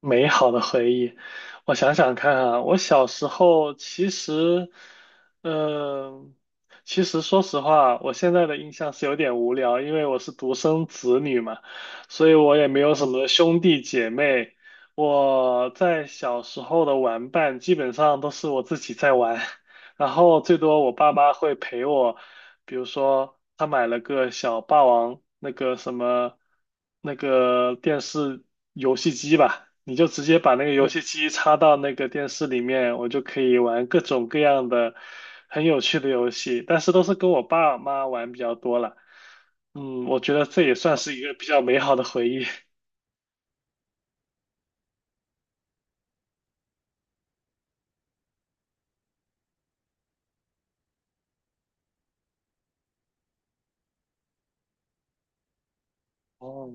美好的回忆，我想想看啊，我小时候其实，嗯、其实说实话，我现在的印象是有点无聊，因为我是独生子女嘛，所以我也没有什么兄弟姐妹。我在小时候的玩伴基本上都是我自己在玩，然后最多我爸妈会陪我。比如说他买了个小霸王那个什么那个电视游戏机吧，你就直接把那个游戏机插到那个电视里面，我就可以玩各种各样的很有趣的游戏，但是都是跟我爸妈玩比较多了。嗯，我觉得这也算是一个比较美好的回忆。哦，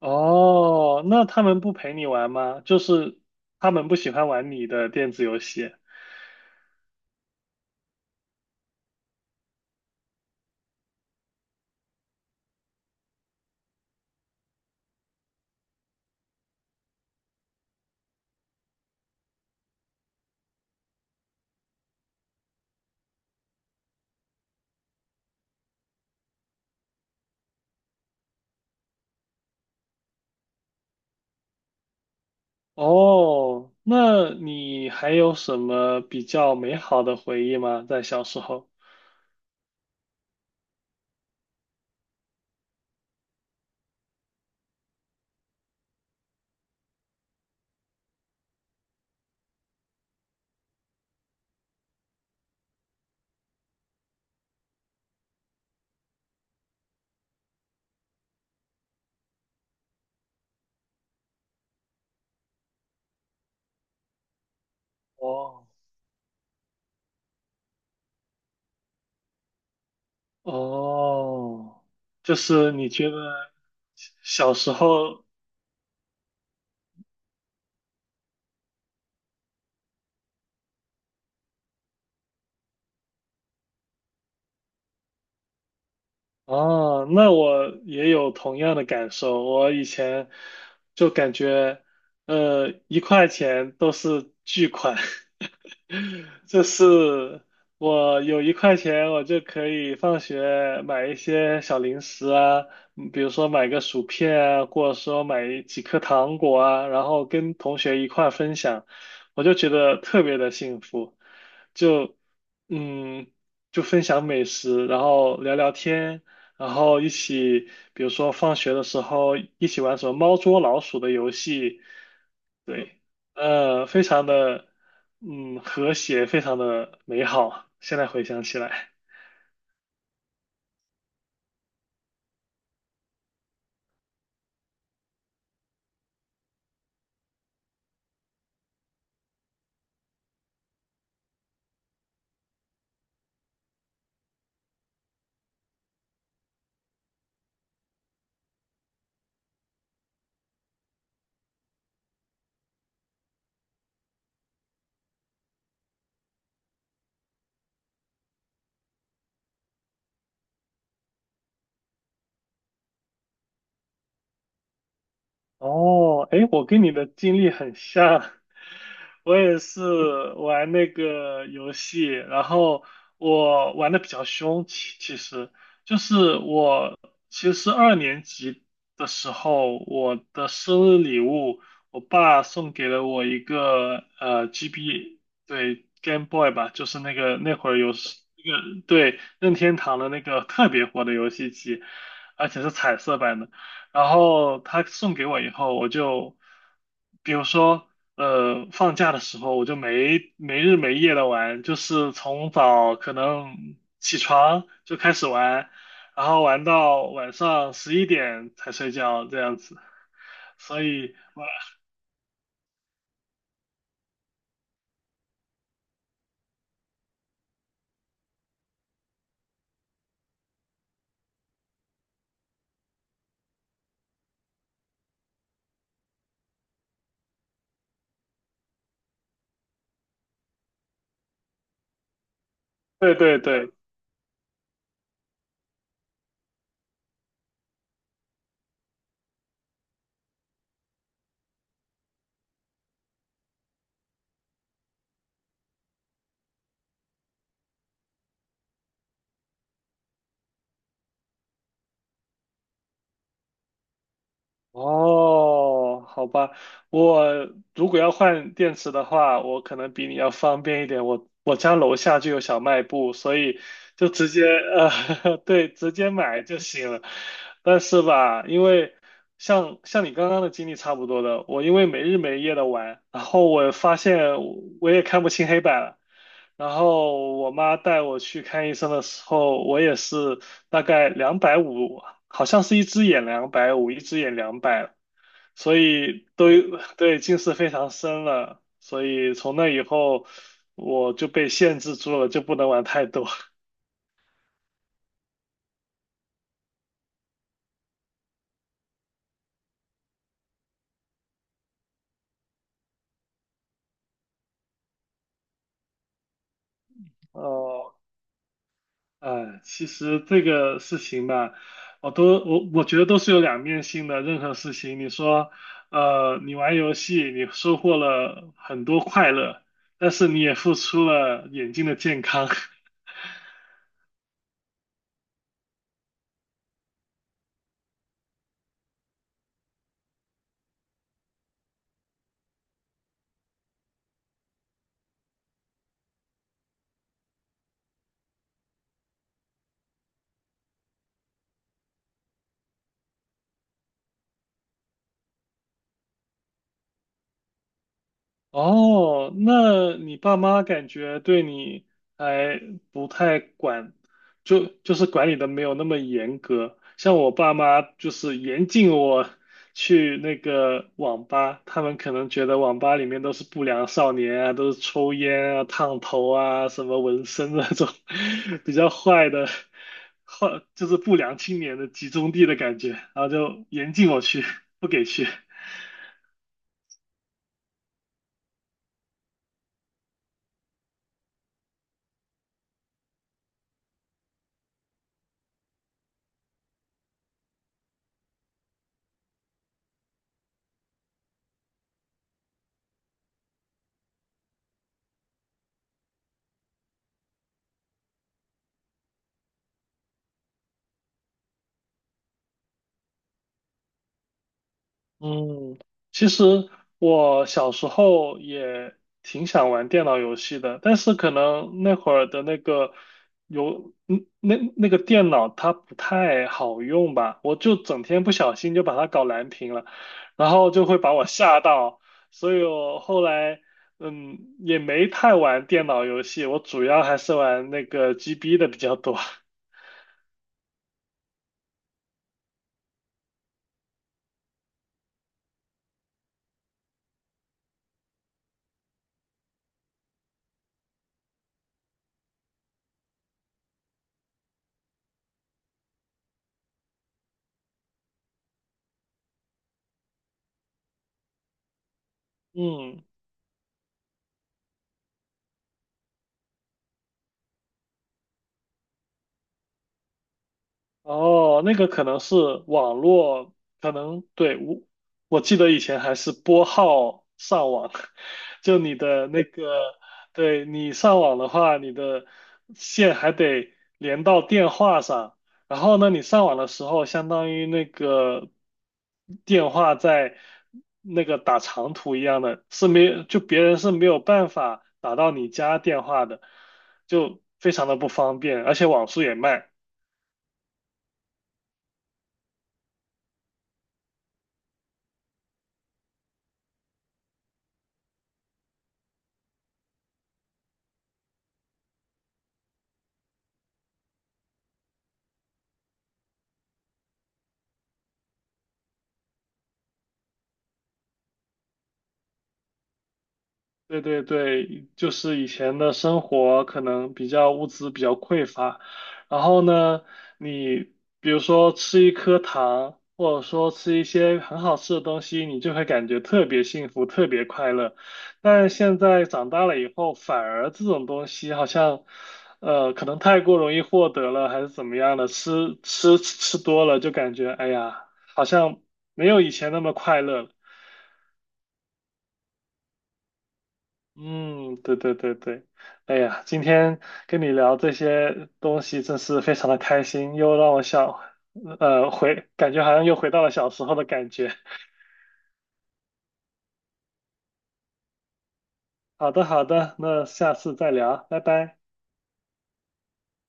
哦，那他们不陪你玩吗？就是他们不喜欢玩你的电子游戏。哦，那你还有什么比较美好的回忆吗？在小时候？哦，哦，就是你觉得小时候哦，那我也有同样的感受。我以前就感觉，一块钱都是巨款，就是我有1块钱，我就可以放学买一些小零食啊，比如说买个薯片啊，或者说买几颗糖果啊，然后跟同学一块分享，我就觉得特别的幸福，就嗯。就分享美食，然后聊聊天，然后一起，比如说放学的时候一起玩什么猫捉老鼠的游戏，对，非常的，嗯，和谐，非常的美好。现在回想起来，哦，哎，我跟你的经历很像，我也是玩那个游戏，然后我玩的比较凶，其实就是我其实二年级的时候，我的生日礼物，我爸送给了我一个GB,对 Game Boy 吧，就是那个那会儿有是那个对任天堂的那个特别火的游戏机，而且是彩色版的。然后他送给我以后，我就，比如说，放假的时候，我就没日没夜的玩，就是从早可能起床就开始玩，然后玩到晚上11点才睡觉这样子。所以，对对对，哦，好吧，我如果要换电池的话，我可能比你要方便一点。我家楼下就有小卖部，所以就直接对，直接买就行了。但是吧，因为像你刚刚的经历差不多的，我因为没日没夜的玩，然后我发现我也看不清黑板了。然后我妈带我去看医生的时候，我也是。大概两百五，好像是一只眼两百五，一只眼两百，所以都有 对近视非常深了。所以从那以后，我就被限制住了，就不能玩太多。哦，哎，其实这个事情吧，我觉得都是有两面性的。任何事情，你说，你玩游戏，你收获了很多快乐，但是你也付出了眼睛的健康。哦，那你爸妈感觉对你还不太管，就是管理的没有那么严格。像我爸妈就是严禁我去那个网吧，他们可能觉得网吧里面都是不良少年啊，都是抽烟啊、烫头啊、什么纹身那种 比较坏的坏，就是不良青年的集中地的感觉，然后就严禁我去，不给去。嗯，其实我小时候也挺想玩电脑游戏的，但是可能那会儿的那个有那个电脑它不太好用吧，我就整天不小心就把它搞蓝屏了，然后就会把我吓到，所以我后来也没太玩电脑游戏，我主要还是玩那个 GB 的比较多。嗯哦，那个可能是网络，可能对，我记得以前还是拨号上网，就你的那个，对你上网的话，你的线还得连到电话上，然后呢，你上网的时候，相当于那个电话在那个打长途一样的，是没，就别人是没有办法打到你家电话的，就非常的不方便，而且网速也慢。对对对，就是以前的生活可能比较物资比较匮乏，然后呢，你比如说吃一颗糖，或者说吃一些很好吃的东西，你就会感觉特别幸福，特别快乐。但现在长大了以后，反而这种东西好像，可能太过容易获得了，还是怎么样的，吃多了就感觉，哎呀，好像没有以前那么快乐了。嗯，对对对对，哎呀，今天跟你聊这些东西真是非常的开心，又让我想，感觉好像又回到了小时候的感觉。好的，好的，那下次再聊，拜拜。